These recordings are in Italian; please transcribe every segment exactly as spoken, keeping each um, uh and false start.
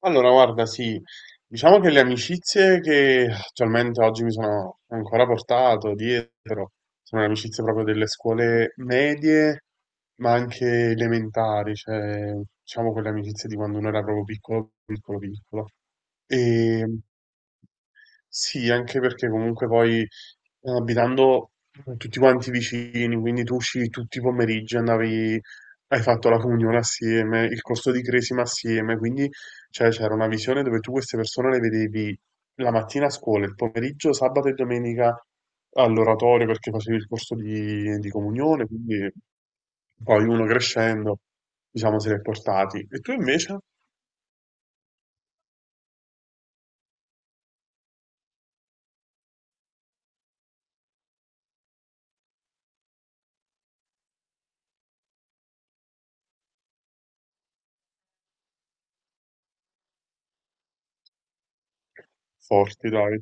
Allora, guarda, sì, diciamo che le amicizie che attualmente oggi mi sono ancora portato dietro sono le amicizie proprio delle scuole medie, ma anche elementari, cioè diciamo quelle amicizie di quando uno era proprio piccolo, piccolo, piccolo. E, sì, anche perché comunque poi eh, abitando tutti quanti vicini, quindi tu uscivi tutti i pomeriggi, andavi, hai fatto la comunione assieme, il corso di cresima assieme, quindi cioè, c'era una visione dove tu queste persone le vedevi la mattina a scuola, il pomeriggio, sabato e domenica all'oratorio perché facevi il corso di, di comunione, quindi poi uno crescendo, diciamo, se li è portati. E tu invece? Forti, dai.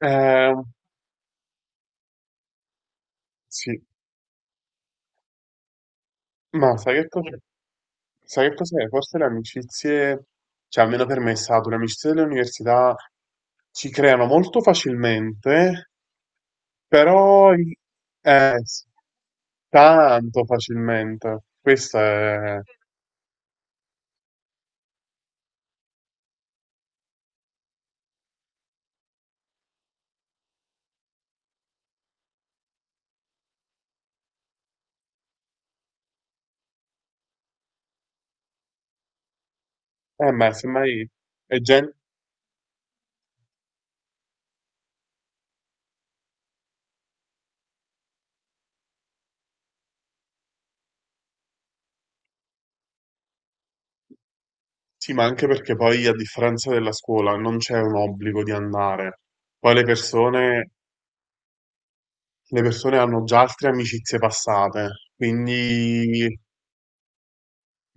Eh, sì, ma sai che cosa? Sai che cos'è? Forse le amicizie, cioè almeno per me è stato, le amicizie delle università si creano molto facilmente, però i- eh, s- tanto facilmente. Questo è, eh, ma semmai è gente, sì, ma anche perché poi a differenza della scuola non c'è un obbligo di andare. Poi le persone, le persone hanno già altre amicizie passate, quindi.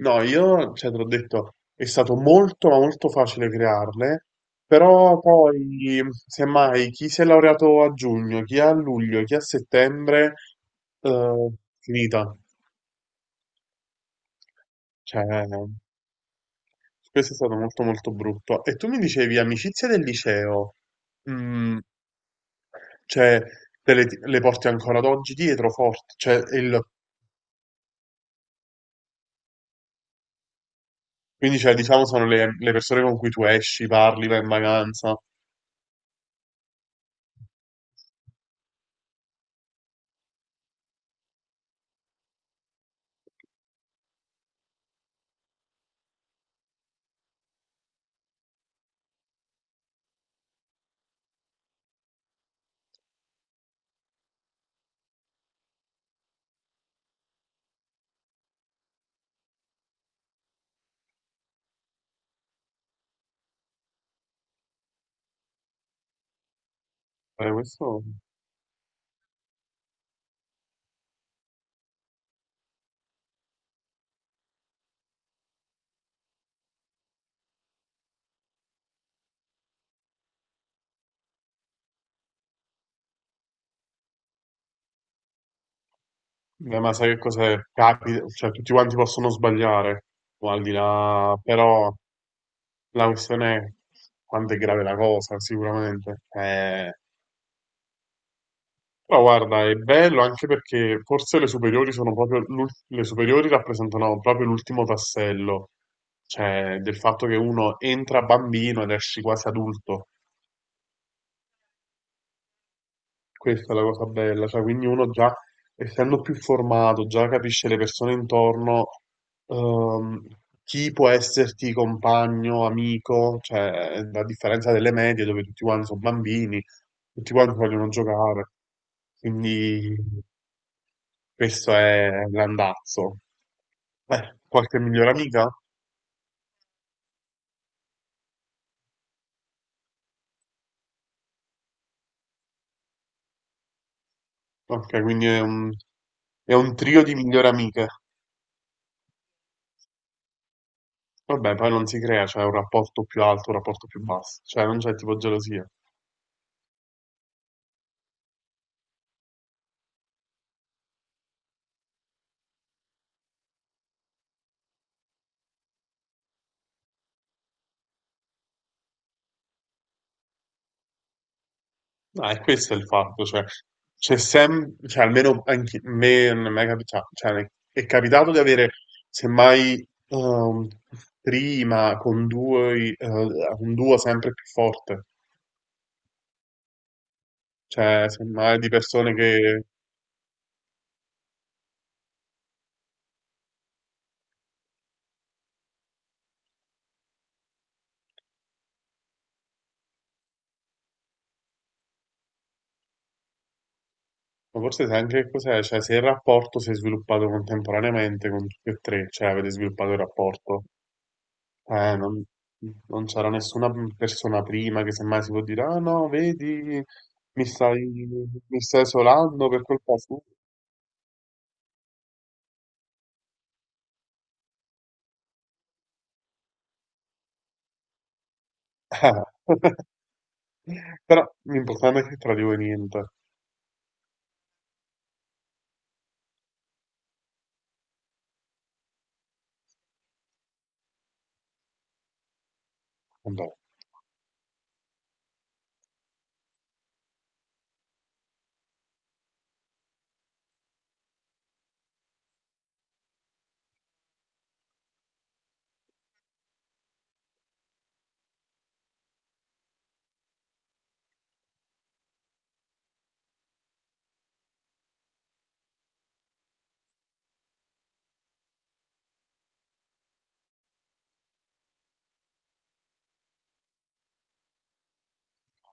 No, io, cioè, te l'ho detto, è stato molto, ma molto facile crearle, però poi, semmai, chi si è laureato a giugno, chi a luglio, chi a settembre, eh, finita. Cioè, questo è stato molto, molto brutto. E tu mi dicevi, amicizie del liceo, mm, cioè, te le, le porti ancora ad oggi dietro forte, cioè, il- quindi, cioè, diciamo, sono le, le persone con cui tu esci, parli, vai in vacanza. Eh, questo... Eh, ma sai che cos'è? Capita, cioè tutti quanti possono sbagliare, o al di là, però la questione è quanto è grave la cosa, sicuramente. Eh, però guarda, è bello anche perché forse le superiori sono proprio, l'ul- le superiori rappresentano proprio l'ultimo tassello, cioè del fatto che uno entra bambino ed esci quasi adulto. Questa è la cosa bella, cioè quindi uno già essendo più formato, già capisce le persone intorno, ehm, chi può esserti compagno, amico, cioè a differenza delle medie dove tutti quanti sono bambini, tutti quanti vogliono giocare, quindi questo è l'andazzo. Beh, qualche migliore amica? Ok, quindi è un, è un trio di migliori amiche. Vabbè, poi non si crea, cioè un rapporto più alto, un rapporto più basso, cioè non c'è tipo gelosia. No, è questo il fatto, cioè, c'è sempre, cioè, almeno anche a me non mi è mai capitato, cioè, è capitato di avere, semmai, ehm, prima con due, eh, un duo sempre più forte, cioè, semmai di persone che, ma forse sai anche che cos'è, cioè, se il rapporto si è sviluppato contemporaneamente con tutti e tre, cioè, avete sviluppato il rapporto, Eh, non, non c'era nessuna persona prima che semmai si può dire, ah no, vedi, mi stai, mi stai isolando per colpa sua. Però l'importante è che tra di voi niente. Vabbè,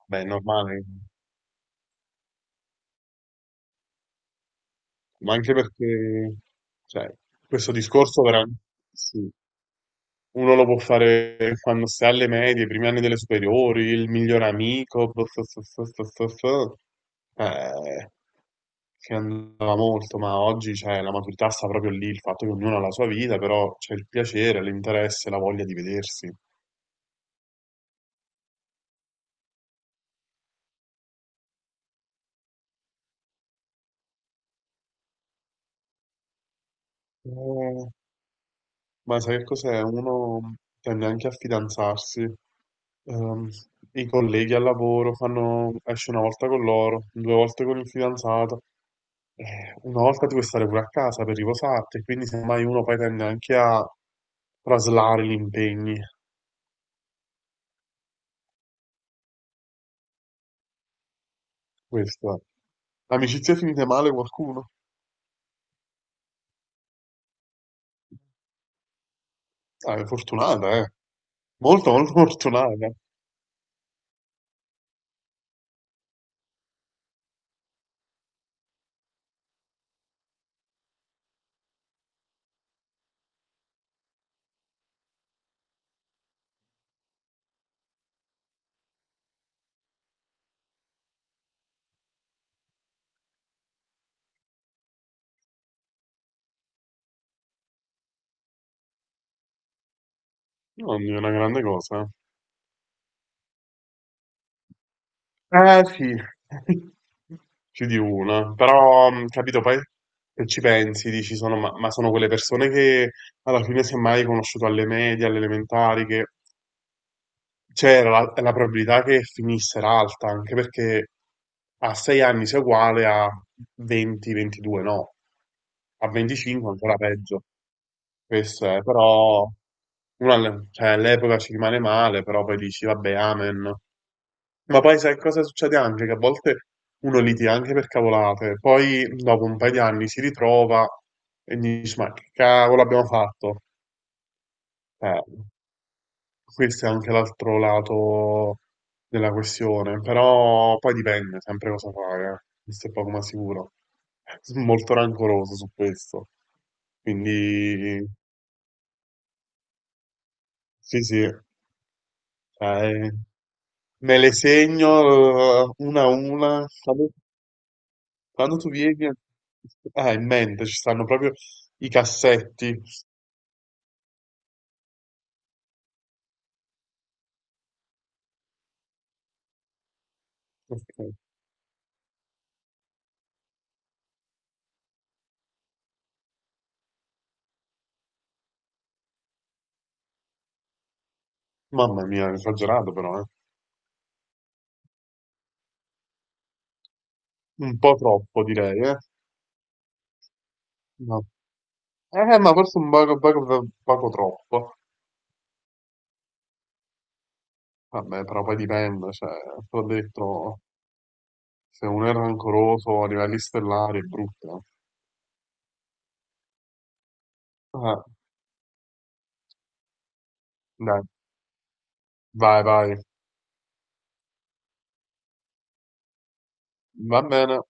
beh, è normale, ma anche perché, cioè, questo discorso veramente, sì. Uno lo può fare quando si è alle medie, i primi anni delle superiori, il miglior amico, bo- so- so- so- so- so- so. Eh, che andava molto, ma oggi cioè, la maturità sta proprio lì, il fatto che ognuno ha la sua vita, però c'è il piacere, l'interesse, la voglia di vedersi. Eh, ma sai che cos'è? Uno tende anche a fidanzarsi. Ehm, I colleghi al lavoro fanno, esce una volta con loro, due volte con il fidanzato. Eh, una volta tu puoi stare pure a casa per riposarti, quindi semmai uno poi tende anche a traslare gli impegni. Questo è. Amicizie finite male qualcuno? Ah, è fortunata, eh. Molto, molto fortunata. Non è una grande cosa. Eh sì, più di una. Però, mh, capito, poi se ci pensi, dici, sono, ma, ma sono quelle persone che alla fine semmai hai conosciuto alle medie, alle elementari, che. Cioè, la, la probabilità che finisse era alta, anche perché a sei anni sei uguale a venti a ventidue, no? A venticinque ancora peggio. Questo è, però, uno alle- cioè, all'epoca ci rimane male, però poi dici, vabbè, amen. Ma poi sai cosa succede anche? Che a volte uno litiga anche per cavolate, poi dopo un paio di anni si ritrova e dici, ma che cavolo abbiamo fatto? Eh, Questo è anche l'altro lato della questione, però poi dipende sempre cosa fai, eh. Questo è poco ma sicuro. Sono molto rancoroso su questo. Quindi sì, sì, cioè, me le segno eh, una a una. Quando, quando tu vieni, a- ah, in mente ci stanno proprio i cassetti. Ok. Mamma mia, esagerato però, eh. Un po' troppo direi, eh. Ma Eh, ma forse un poco, poco, poco troppo. Vabbè, però poi dipende, cioè, te l'ho detto, se uno è rancoroso a livelli stellari è brutto. Eh, Dai, vai, vai. Va bene.